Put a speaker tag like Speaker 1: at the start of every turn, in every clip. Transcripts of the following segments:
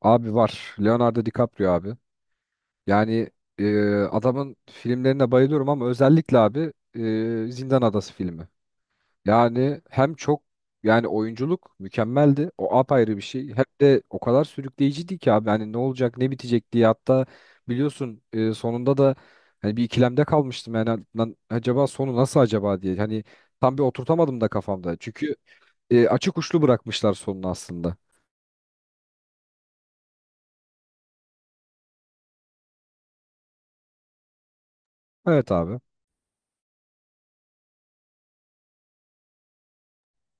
Speaker 1: Abi var. Leonardo DiCaprio abi. Yani e, adamın filmlerine bayılıyorum ama özellikle abi Zindan Adası filmi. Yani hem çok yani oyunculuk mükemmeldi. O apayrı bir şey. Hem de o kadar sürükleyiciydi ki abi. Hani ne olacak ne bitecek diye hatta biliyorsun sonunda da hani bir ikilemde kalmıştım. Yani lan acaba sonu nasıl acaba diye. Hani tam bir oturtamadım da kafamda. Çünkü açık uçlu bırakmışlar sonunu aslında. Evet abi.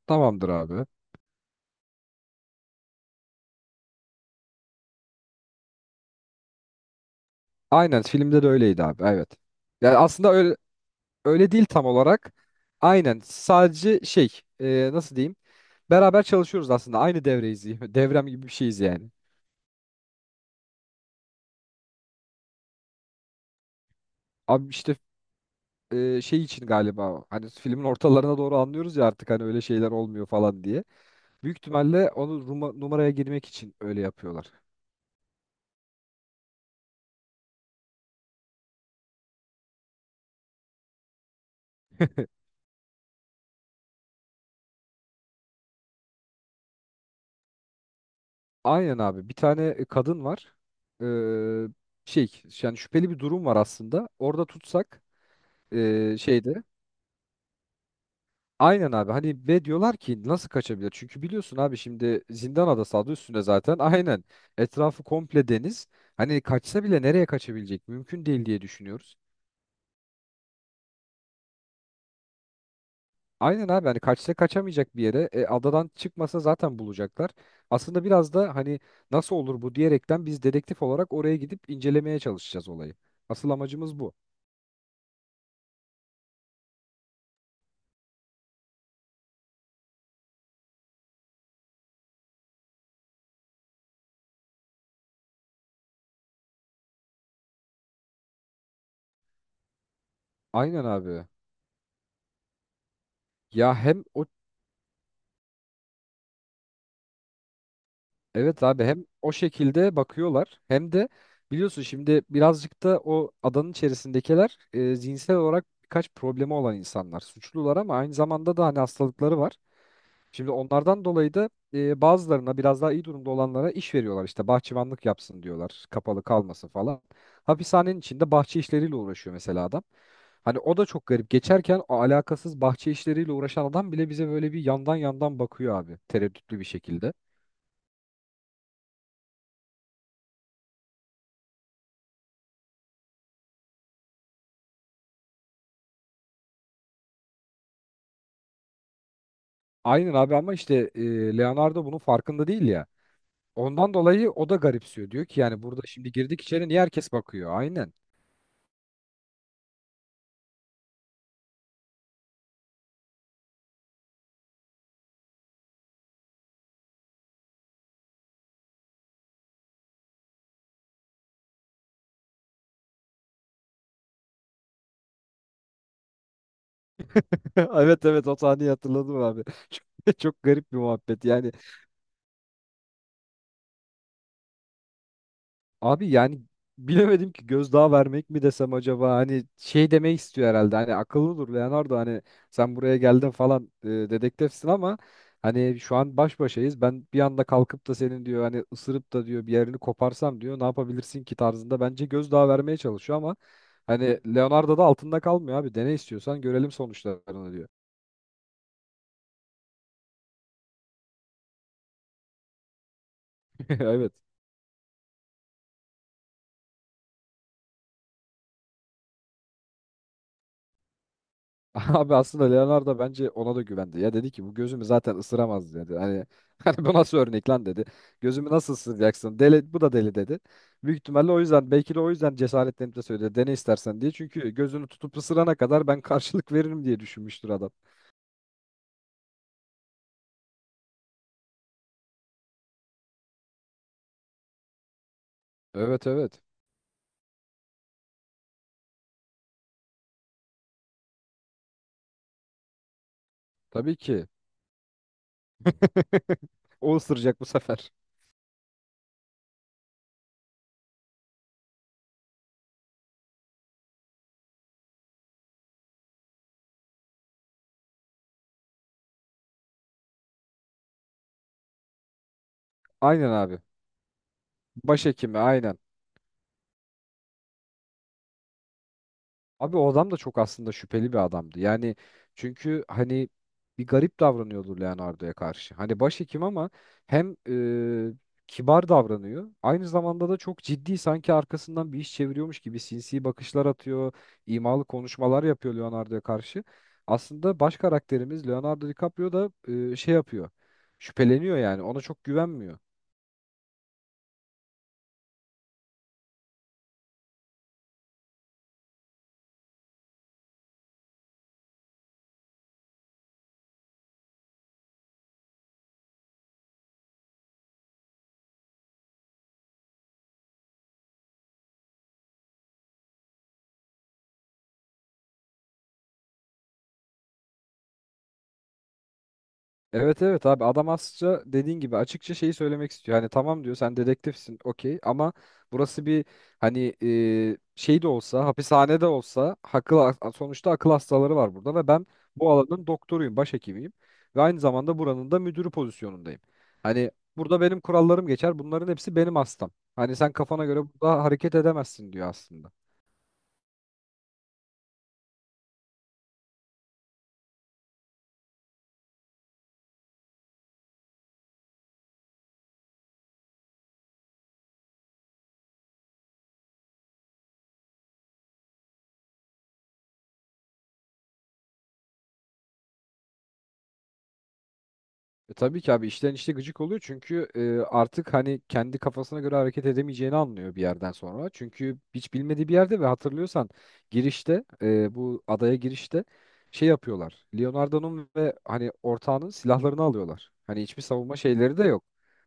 Speaker 1: Tamamdır abi. Aynen filmde de öyleydi abi. Evet. Yani aslında öyle öyle değil tam olarak. Aynen sadece şey nasıl diyeyim? Beraber çalışıyoruz aslında. Aynı devreyiz. Devrem gibi bir şeyiz yani. Abi işte şey için galiba hani filmin ortalarına doğru anlıyoruz ya artık hani öyle şeyler olmuyor falan diye. Büyük ihtimalle onu numaraya girmek için öyle yapıyorlar. Aynen abi. Bir tane kadın var. Ee, şey yani şüpheli bir durum var aslında. Orada tutsak şeyde aynen abi hani ve diyorlar ki nasıl kaçabilir? Çünkü biliyorsun abi şimdi zindan adası adı üstünde zaten aynen etrafı komple deniz. Hani kaçsa bile nereye kaçabilecek? Mümkün değil diye düşünüyoruz. Aynen abi hani kaçsa kaçamayacak bir yere adadan çıkmasa zaten bulacaklar. Aslında biraz da hani nasıl olur bu diyerekten biz dedektif olarak oraya gidip incelemeye çalışacağız olayı. Asıl amacımız bu. Aynen abi. Ya hem o evet abi hem o şekilde bakıyorlar hem de biliyorsun şimdi birazcık da o adanın içerisindekiler zihinsel olarak birkaç problemi olan insanlar. Suçlular ama aynı zamanda da hani hastalıkları var. Şimdi onlardan dolayı da bazılarına biraz daha iyi durumda olanlara iş veriyorlar. İşte bahçıvanlık yapsın diyorlar. Kapalı kalmasın falan. Hapishanenin içinde bahçe işleriyle uğraşıyor mesela adam. Hani o da çok garip. Geçerken o alakasız bahçe işleriyle uğraşan adam bile bize böyle bir yandan yandan bakıyor abi. Tereddütlü bir şekilde. Aynen abi ama işte Leonardo bunun farkında değil ya. Ondan dolayı o da garipsiyor. Diyor ki yani burada şimdi girdik içeri niye herkes bakıyor? Aynen. Evet evet, o sahneyi hatırladım abi. Çok, çok garip bir muhabbet. Yani abi yani bilemedim ki gözdağı vermek mi desem acaba hani şey demek istiyor herhalde hani akıllı dur Leonardo hani sen buraya geldin falan dedektifsin ama hani şu an baş başayız ben bir anda kalkıp da senin diyor hani ısırıp da diyor bir yerini koparsam diyor ne yapabilirsin ki tarzında bence gözdağı vermeye çalışıyor ama hani Leonardo da altında kalmıyor abi dene istiyorsan görelim sonuçlarını diyor. Evet. Abi aslında Leonardo bence ona da güvendi. Ya dedi ki bu gözümü zaten ısıramaz dedi. Hani hani bu nasıl örnek lan dedi. Gözümü nasıl ısıracaksın? Deli, bu da deli dedi. Büyük ihtimalle o yüzden belki de o yüzden cesaretlenip de söyledi. Dene istersen diye. Çünkü gözünü tutup ısırana kadar ben karşılık veririm diye düşünmüştür adam. Evet evet. Tabii ki. O ısıracak bu sefer. Aynen abi. Başhekimi aynen. Abi o adam da çok aslında şüpheli bir adamdı. Yani çünkü hani bir garip davranıyordu Leonardo'ya karşı. Hani başhekim ama hem e, kibar davranıyor. Aynı zamanda da çok ciddi sanki arkasından bir iş çeviriyormuş gibi sinsi bakışlar atıyor. İmalı konuşmalar yapıyor Leonardo'ya karşı. Aslında baş karakterimiz Leonardo DiCaprio da şey yapıyor. Şüpheleniyor yani ona çok güvenmiyor. Evet evet abi adam aslında dediğin gibi açıkça şeyi söylemek istiyor. Hani tamam diyor sen dedektifsin okey ama burası bir hani şey de olsa hapishane de olsa akıl, sonuçta akıl hastaları var burada ve ben bu alanın doktoruyum, başhekimiyim ve aynı zamanda buranın da müdürü pozisyonundayım. Hani burada benim kurallarım geçer bunların hepsi benim hastam. Hani sen kafana göre burada hareket edemezsin diyor aslında. Tabii ki abi işten işte gıcık oluyor çünkü artık hani kendi kafasına göre hareket edemeyeceğini anlıyor bir yerden sonra. Çünkü hiç bilmediği bir yerde ve hatırlıyorsan girişte bu adaya girişte şey yapıyorlar. Leonardo'nun ve hani ortağının silahlarını alıyorlar. Hani hiçbir savunma şeyleri de yok.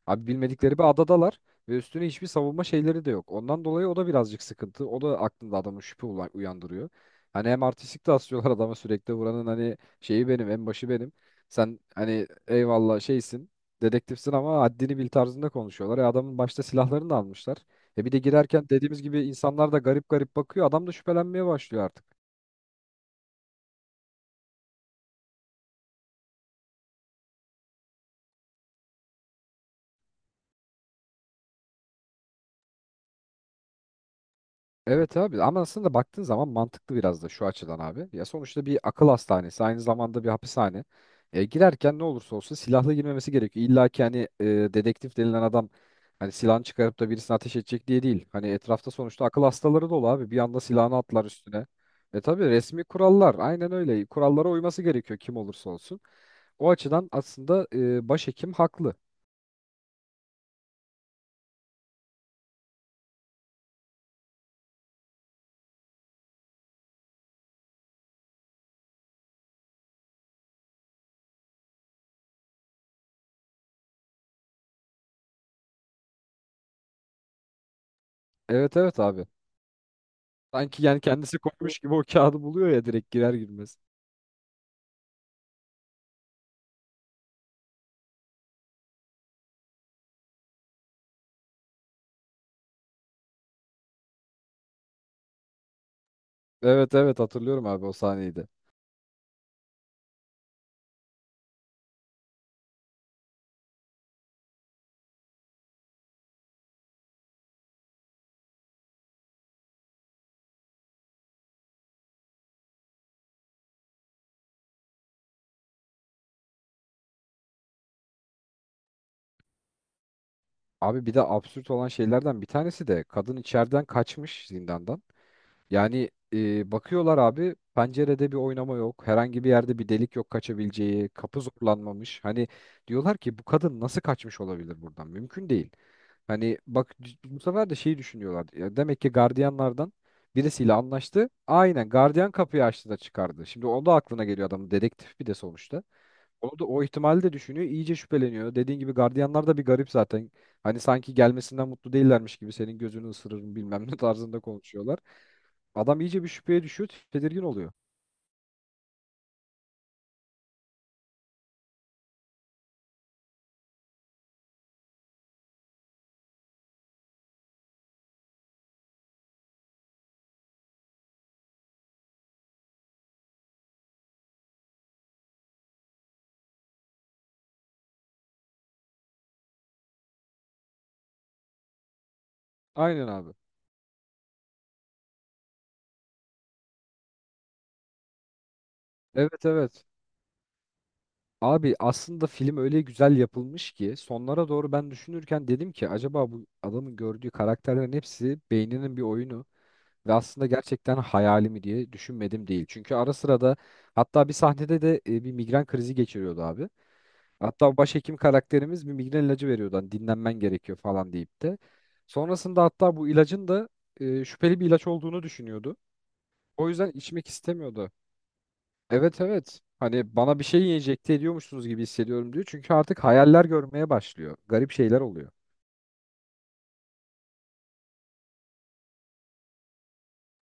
Speaker 1: Abi bilmedikleri bir adadalar ve üstüne hiçbir savunma şeyleri de yok. Ondan dolayı o da birazcık sıkıntı. O da aklında adamın şüphe uyandırıyor. Hani hem artistik de asıyorlar adama sürekli buranın hani şeyi benim en başı benim. Sen hani eyvallah şeysin, dedektifsin ama haddini bil tarzında konuşuyorlar. E adamın başta silahlarını da almışlar. E bir de girerken dediğimiz gibi insanlar da garip garip bakıyor. Adam da şüphelenmeye başlıyor artık. Evet abi ama aslında baktığın zaman mantıklı biraz da şu açıdan abi. Ya sonuçta bir akıl hastanesi aynı zamanda bir hapishane. Girerken ne olursa olsun silahlı girmemesi gerekiyor. İlla ki hani dedektif denilen adam hani silahını çıkarıp da birisine ateş edecek diye değil. Hani etrafta sonuçta akıl hastaları dolu abi. Bir anda silahını atlar üstüne. E tabii resmi kurallar aynen öyle. Kurallara uyması gerekiyor kim olursa olsun. O açıdan aslında başhekim haklı. Evet evet abi. Sanki yani kendisi koymuş gibi o kağıdı buluyor ya direkt girer girmez. Evet evet, hatırlıyorum abi o sahneyi de. Abi bir de absürt olan şeylerden bir tanesi de kadın içeriden kaçmış zindandan. Yani bakıyorlar abi pencerede bir oynama yok. Herhangi bir yerde bir delik yok kaçabileceği. Kapı zorlanmamış. Hani diyorlar ki bu kadın nasıl kaçmış olabilir buradan? Mümkün değil. Hani bak bu sefer de şeyi düşünüyorlar. Ya demek ki gardiyanlardan birisiyle anlaştı. Aynen gardiyan kapıyı açtı da çıkardı. Şimdi o da aklına geliyor adam dedektif bir de sonuçta. Onu da o ihtimali de düşünüyor. İyice şüpheleniyor. Dediğin gibi gardiyanlar da bir garip zaten. Hani sanki gelmesinden mutlu değillermiş gibi senin gözünü ısırırım bilmem ne tarzında konuşuyorlar. Adam iyice bir şüpheye düşüyor, tedirgin oluyor. Aynen abi. Evet evet. Abi aslında film öyle güzel yapılmış ki sonlara doğru ben düşünürken dedim ki acaba bu adamın gördüğü karakterlerin hepsi beyninin bir oyunu ve aslında gerçekten hayali mi diye düşünmedim değil. Çünkü ara sıra da hatta bir sahnede de bir migren krizi geçiriyordu abi. Hatta başhekim karakterimiz bir migren ilacı veriyordu. Hani dinlenmen gerekiyor falan deyip de. Sonrasında hatta bu ilacın da şüpheli bir ilaç olduğunu düşünüyordu. O yüzden içmek istemiyordu. Evet evet. Hani bana bir şey enjekte ediyormuşsunuz gibi hissediyorum diyor. Çünkü artık hayaller görmeye başlıyor. Garip şeyler oluyor.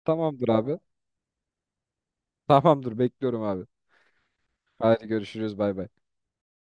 Speaker 1: Tamamdır abi. Tamamdır bekliyorum abi. Hadi görüşürüz, bay bay.